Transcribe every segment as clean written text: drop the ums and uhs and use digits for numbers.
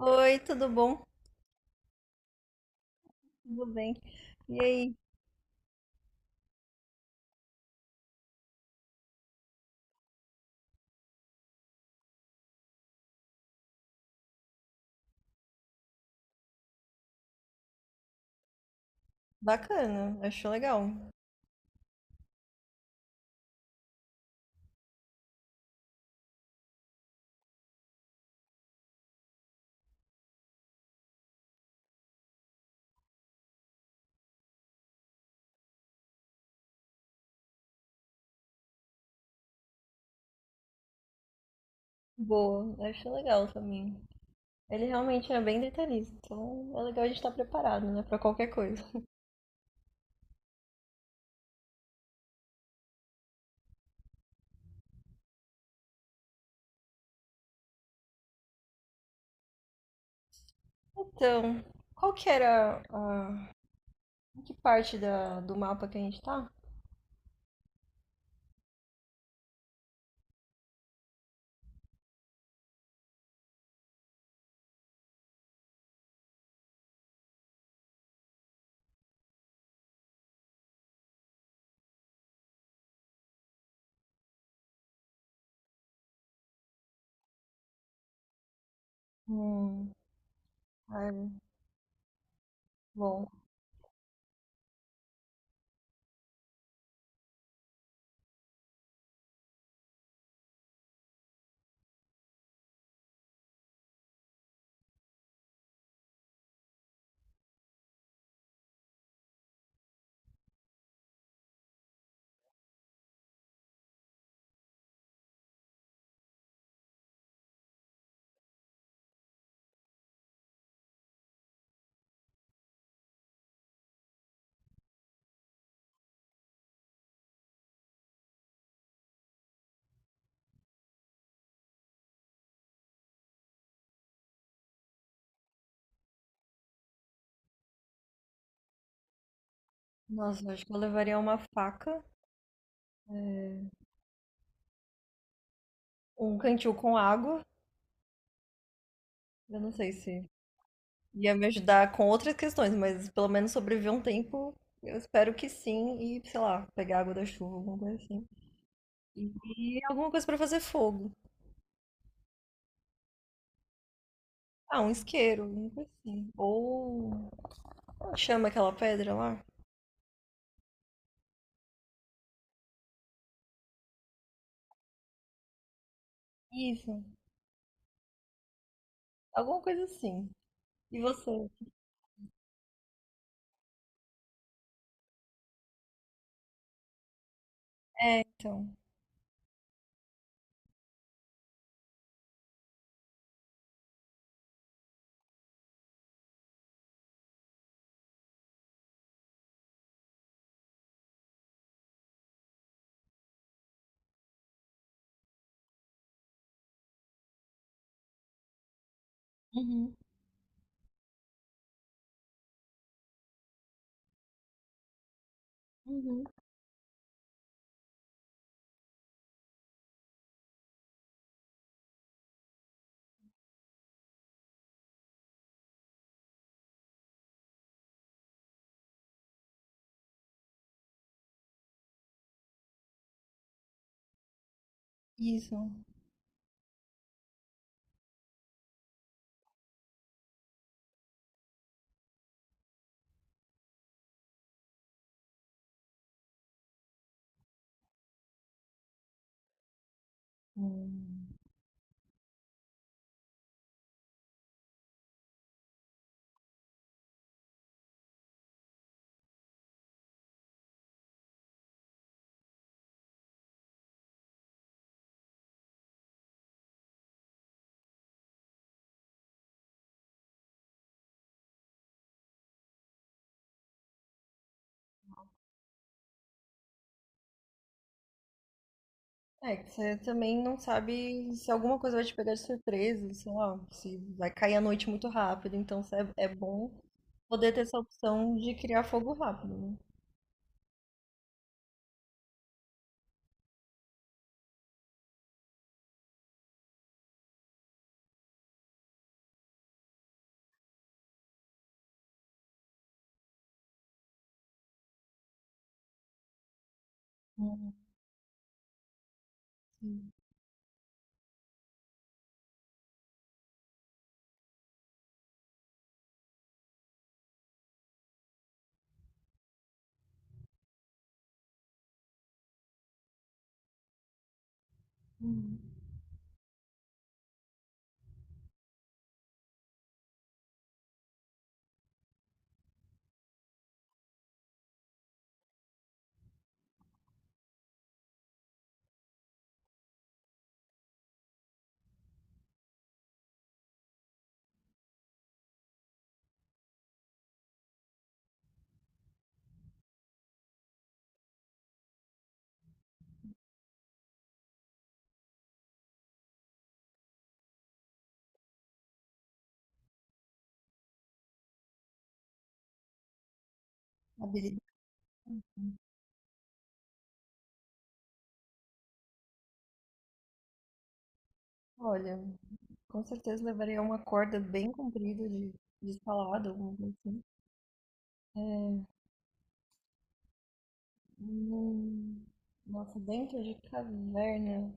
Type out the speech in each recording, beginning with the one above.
Oi, tudo bom? Tudo bem. E aí? Bacana, achou legal. Boa, achou legal também. Ele realmente é bem detalhista, então é legal a gente estar preparado, né, pra qualquer coisa. Então, qual que era a... em que parte da... do mapa que a gente tá? Hum, ai, bom, nossa, eu acho que eu levaria uma faca, um cantil com água. Eu não sei se ia me ajudar com outras questões, mas pelo menos sobreviver um tempo, eu espero que sim. E, sei lá, pegar água da chuva, alguma coisa assim. E alguma coisa pra fazer fogo. Ah, um isqueiro, alguma coisa assim. Ou como chama aquela pedra lá. Isso. Alguma coisa assim. E você, então? Uhum, uhum. Isso. Hum. É, que você também não sabe se alguma coisa vai te pegar de surpresa, sei lá, se vai cair a noite muito rápido, então é bom poder ter essa opção de criar fogo rápido, né? Hum, sim. Hum. Habilidade, olha, com certeza levaria uma corda bem comprida de escalada, alguma coisa assim. Hum, nossa, dentro de caverna,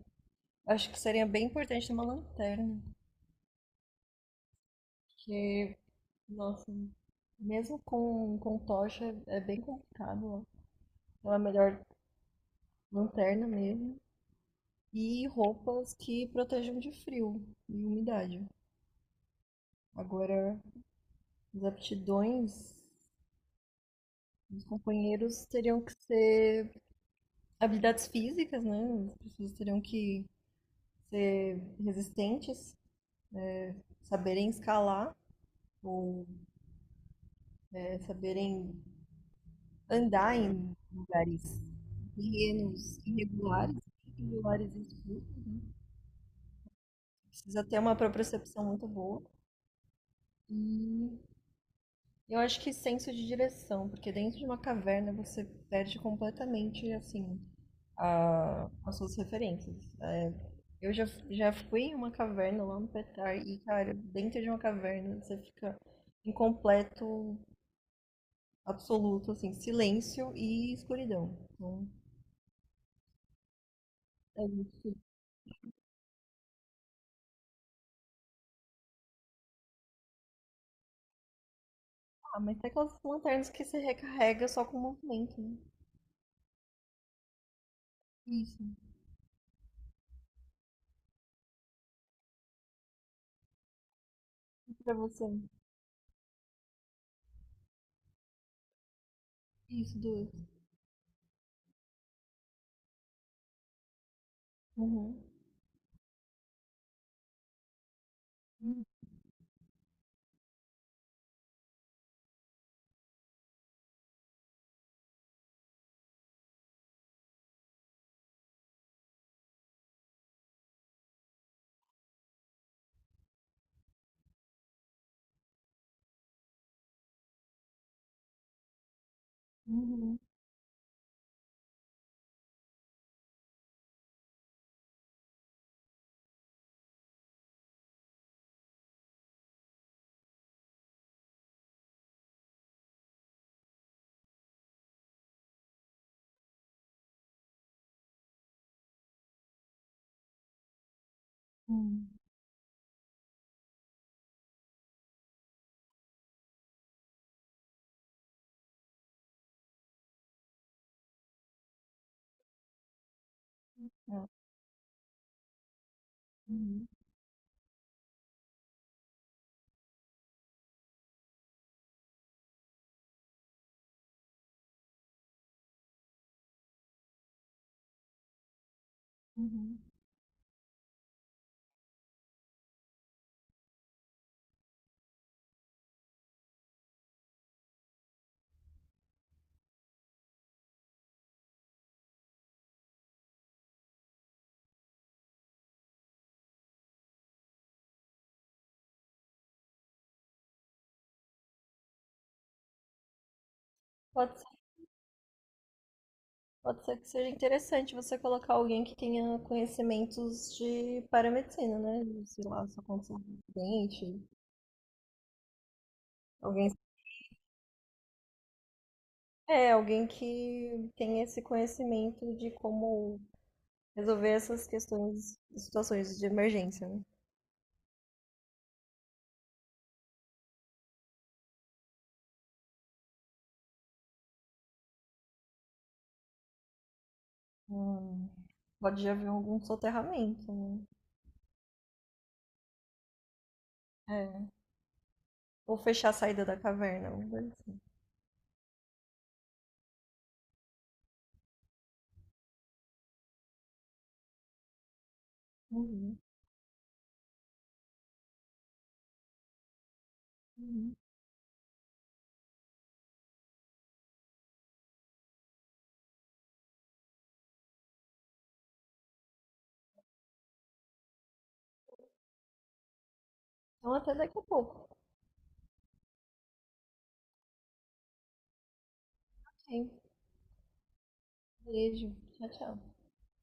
acho que seria bem importante ter uma lanterna. Porque, nossa, mesmo com tocha é bem complicado, ó. Então é melhor lanterna mesmo. E roupas que protejam de frio e umidade. Agora, as aptidões dos companheiros teriam que ser habilidades físicas, né? As pessoas teriam que ser resistentes, saberem escalar ou saberem andar em lugares terrenos irregulares, irregulares e escuros. Precisa ter uma propriocepção muito boa. E eu acho que senso de direção, porque dentro de uma caverna você perde completamente, assim, as suas referências. É, eu já fui em uma caverna lá no Petar e, cara, dentro de uma caverna você fica em completo, absoluto, assim, silêncio e escuridão. Então, é isso. Ah, mas tem aquelas lanternas que você recarrega só com o movimento, né? Isso. E pra você. Isso, duas. Uhum. Uhum, uhum, é, uhum, uhum. Pode ser, pode ser que seja interessante você colocar alguém que tenha conhecimentos de paramedicina, né? De, sei lá, só consulta do dente. Alguém, é, alguém que tenha esse conhecimento de como resolver essas questões, situações de emergência, né? Hum, pode já haver algum soterramento, né? É. Ou fechar a saída da caverna, alguma coisa assim. Uhum, uhum. Então, até daqui a pouco. Ok? Beijo. Tchau, tchau.